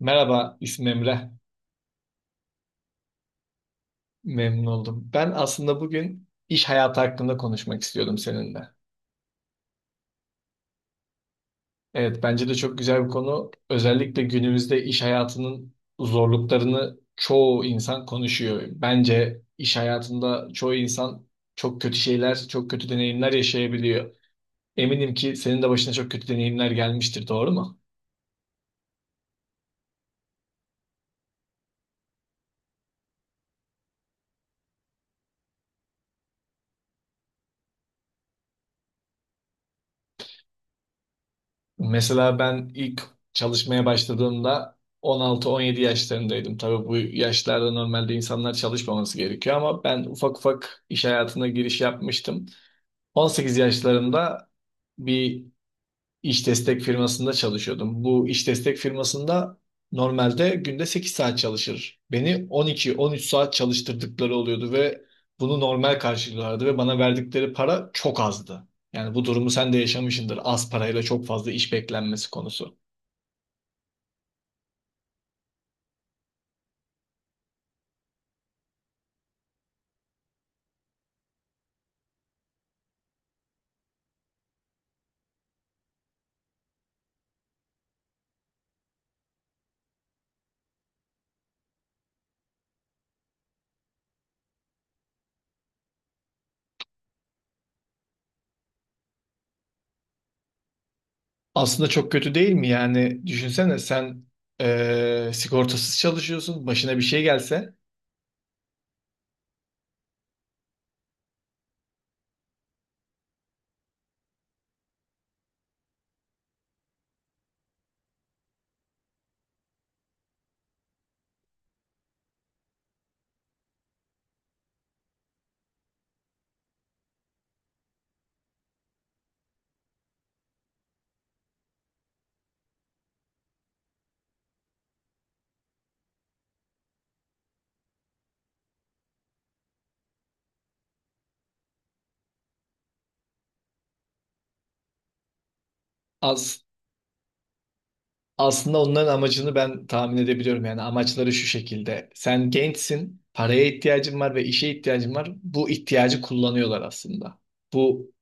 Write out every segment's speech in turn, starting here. Merhaba, ismim Emre. Memnun oldum. Ben aslında bugün iş hayatı hakkında konuşmak istiyordum seninle. Evet, bence de çok güzel bir konu. Özellikle günümüzde iş hayatının zorluklarını çoğu insan konuşuyor. Bence iş hayatında çoğu insan çok kötü şeyler, çok kötü deneyimler yaşayabiliyor. Eminim ki senin de başına çok kötü deneyimler gelmiştir, doğru mu? Mesela ben ilk çalışmaya başladığımda 16-17 yaşlarındaydım. Tabii bu yaşlarda normalde insanlar çalışmaması gerekiyor ama ben ufak ufak iş hayatına giriş yapmıştım. 18 yaşlarında bir İş destek firmasında çalışıyordum. Bu iş destek firmasında normalde günde 8 saat çalışır. Beni 12, 13 saat çalıştırdıkları oluyordu ve bunu normal karşılıyorlardı ve bana verdikleri para çok azdı. Yani bu durumu sen de yaşamışsındır. Az parayla çok fazla iş beklenmesi konusu. Aslında çok kötü değil mi? Yani düşünsene sen sigortasız çalışıyorsun. Başına bir şey gelse. As Aslında onların amacını ben tahmin edebiliyorum. Yani amaçları şu şekilde. Sen gençsin, paraya ihtiyacın var ve işe ihtiyacın var. Bu ihtiyacı kullanıyorlar aslında. Bu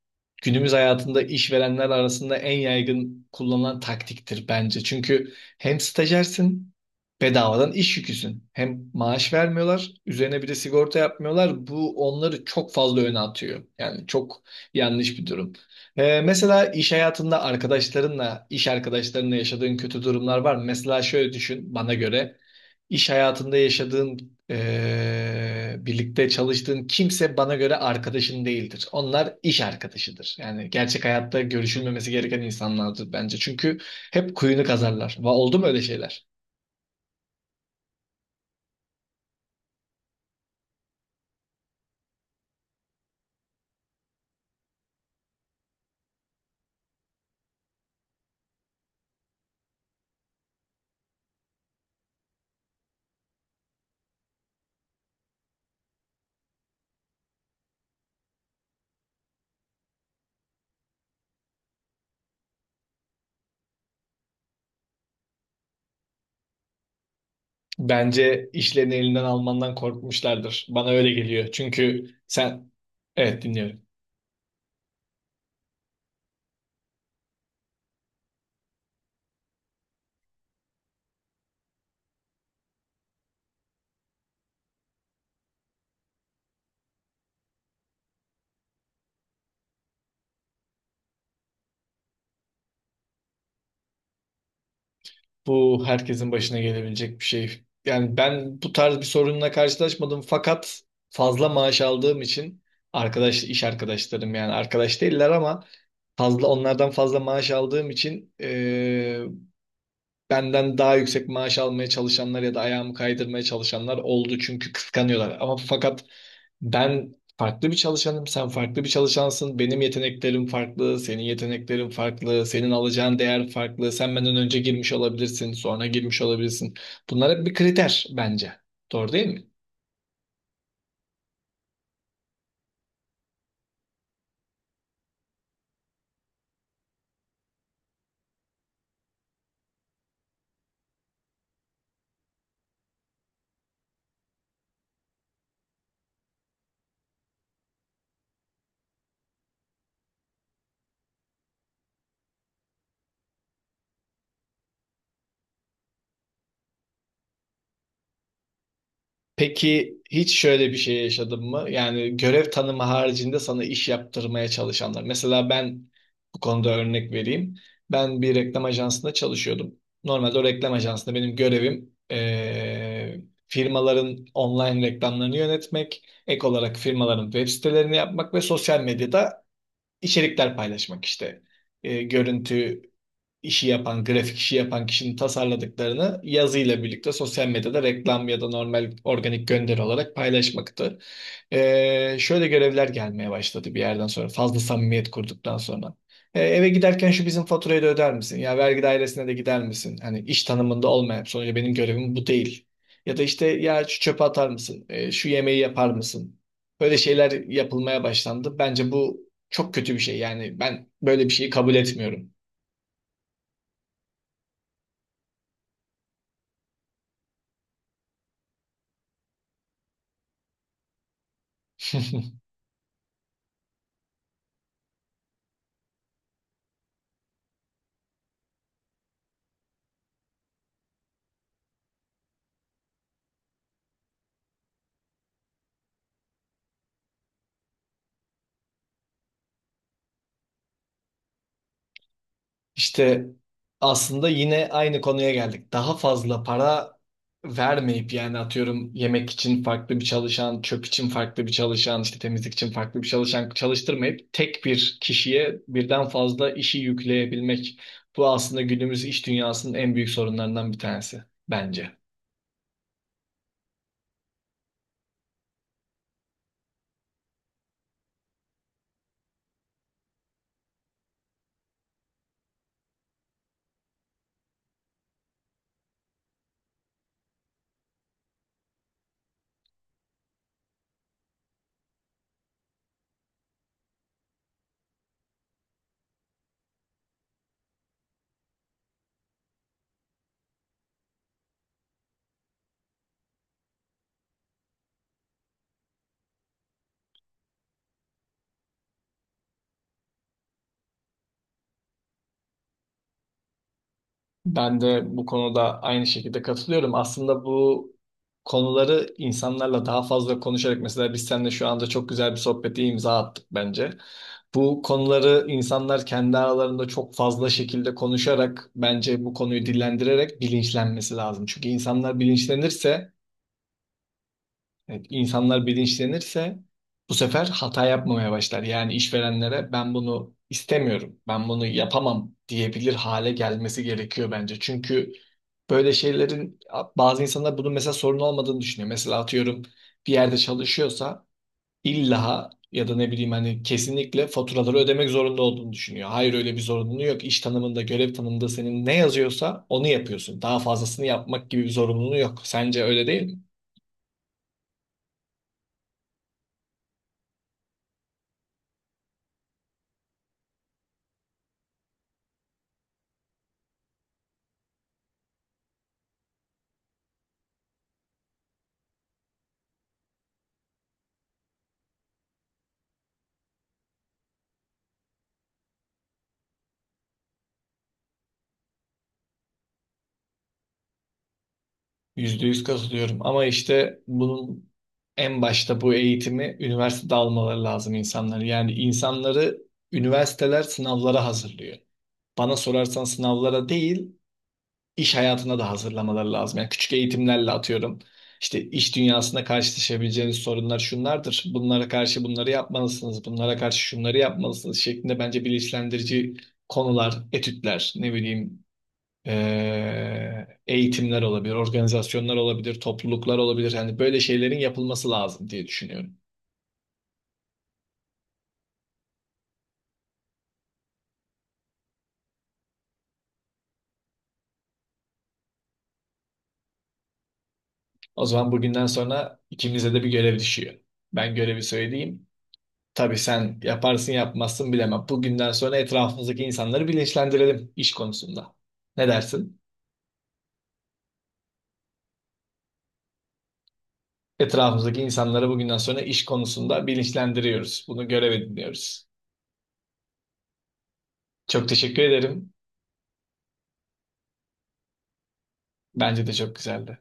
günümüz hayatında işverenler arasında en yaygın kullanılan taktiktir bence. Çünkü hem stajyersin, bedavadan iş yüküsün. Hem maaş vermiyorlar, üzerine bir de sigorta yapmıyorlar. Bu onları çok fazla öne atıyor. Yani çok yanlış bir durum. Mesela iş hayatında arkadaşlarınla, iş arkadaşlarınla yaşadığın kötü durumlar var mı? Mesela şöyle düşün bana göre. İş hayatında yaşadığın, birlikte çalıştığın kimse bana göre arkadaşın değildir. Onlar iş arkadaşıdır. Yani gerçek hayatta görüşülmemesi gereken insanlardır bence. Çünkü hep kuyunu kazarlar. Oldu mu öyle şeyler? Bence işlerini elinden almandan korkmuşlardır. Bana öyle geliyor. Çünkü sen... Evet, dinliyorum. Bu herkesin başına gelebilecek bir şey. Yani ben bu tarz bir sorunla karşılaşmadım. Fakat fazla maaş aldığım için arkadaş, iş arkadaşlarım yani arkadaş değiller ama onlardan fazla maaş aldığım için benden daha yüksek maaş almaya çalışanlar ya da ayağımı kaydırmaya çalışanlar oldu. Çünkü kıskanıyorlar. Ama fakat ben farklı bir çalışanım, sen farklı bir çalışansın. Benim yeteneklerim farklı, senin yeteneklerin farklı, senin alacağın değer farklı. Sen benden önce girmiş olabilirsin, sonra girmiş olabilirsin. Bunlar hep bir kriter bence. Doğru değil mi? Peki hiç şöyle bir şey yaşadın mı? Yani görev tanımı haricinde sana iş yaptırmaya çalışanlar. Mesela ben bu konuda örnek vereyim. Ben bir reklam ajansında çalışıyordum. Normalde o reklam ajansında benim görevim firmaların online reklamlarını yönetmek, ek olarak firmaların web sitelerini yapmak ve sosyal medyada içerikler paylaşmak işte. Görüntü işi yapan, grafik işi yapan kişinin tasarladıklarını yazıyla birlikte sosyal medyada reklam ya da normal organik gönderi olarak paylaşmaktı. Şöyle görevler gelmeye başladı bir yerden sonra, fazla samimiyet kurduktan sonra. Eve giderken şu bizim faturayı da öder misin? Ya vergi dairesine de gider misin? Hani iş tanımında olmayan, sonuçta benim görevim bu değil. Ya da işte ya şu çöpe atar mısın? Şu yemeği yapar mısın? Böyle şeyler yapılmaya başlandı. Bence bu çok kötü bir şey. Yani ben böyle bir şeyi kabul etmiyorum. İşte aslında yine aynı konuya geldik. Daha fazla para vermeyip yani atıyorum yemek için farklı bir çalışan, çöp için farklı bir çalışan, işte temizlik için farklı bir çalışan çalıştırmayıp tek bir kişiye birden fazla işi yükleyebilmek. Bu aslında günümüz iş dünyasının en büyük sorunlarından bir tanesi bence. Ben de bu konuda aynı şekilde katılıyorum. Aslında bu konuları insanlarla daha fazla konuşarak mesela biz seninle şu anda çok güzel bir sohbete imza attık bence. Bu konuları insanlar kendi aralarında çok fazla şekilde konuşarak bence bu konuyu dillendirerek bilinçlenmesi lazım. Çünkü insanlar bilinçlenirse bu sefer hata yapmamaya başlar. Yani işverenlere ben bunu istemiyorum, ben bunu yapamam diyebilir hale gelmesi gerekiyor bence. Çünkü böyle şeylerin bazı insanlar bunun mesela sorun olmadığını düşünüyor. Mesela atıyorum bir yerde çalışıyorsa illa ya da ne bileyim hani kesinlikle faturaları ödemek zorunda olduğunu düşünüyor. Hayır, öyle bir zorunluluğu yok. İş tanımında, görev tanımında senin ne yazıyorsa onu yapıyorsun. Daha fazlasını yapmak gibi bir zorunluluğu yok. Sence öyle değil mi? Yüzde yüz katılıyorum ama işte bunun en başta bu eğitimi üniversitede almaları lazım insanları. Yani insanları üniversiteler sınavlara hazırlıyor. Bana sorarsan sınavlara değil, iş hayatına da hazırlamaları lazım. Yani küçük eğitimlerle atıyorum. İşte iş dünyasında karşılaşabileceğiniz sorunlar şunlardır. Bunlara karşı bunları yapmalısınız. Bunlara karşı şunları yapmalısınız şeklinde bence bilinçlendirici konular, etütler, ne bileyim eğitimler olabilir, organizasyonlar olabilir, topluluklar olabilir. Hani böyle şeylerin yapılması lazım diye düşünüyorum. O zaman bugünden sonra ikimize de bir görev düşüyor. Ben görevi söyleyeyim. Tabii sen yaparsın yapmazsın bilemem. Bugünden sonra etrafımızdaki insanları bilinçlendirelim iş konusunda. Ne dersin? Etrafımızdaki insanları bugünden sonra iş konusunda bilinçlendiriyoruz. Bunu görev ediniyoruz. Çok teşekkür ederim. Bence de çok güzeldi.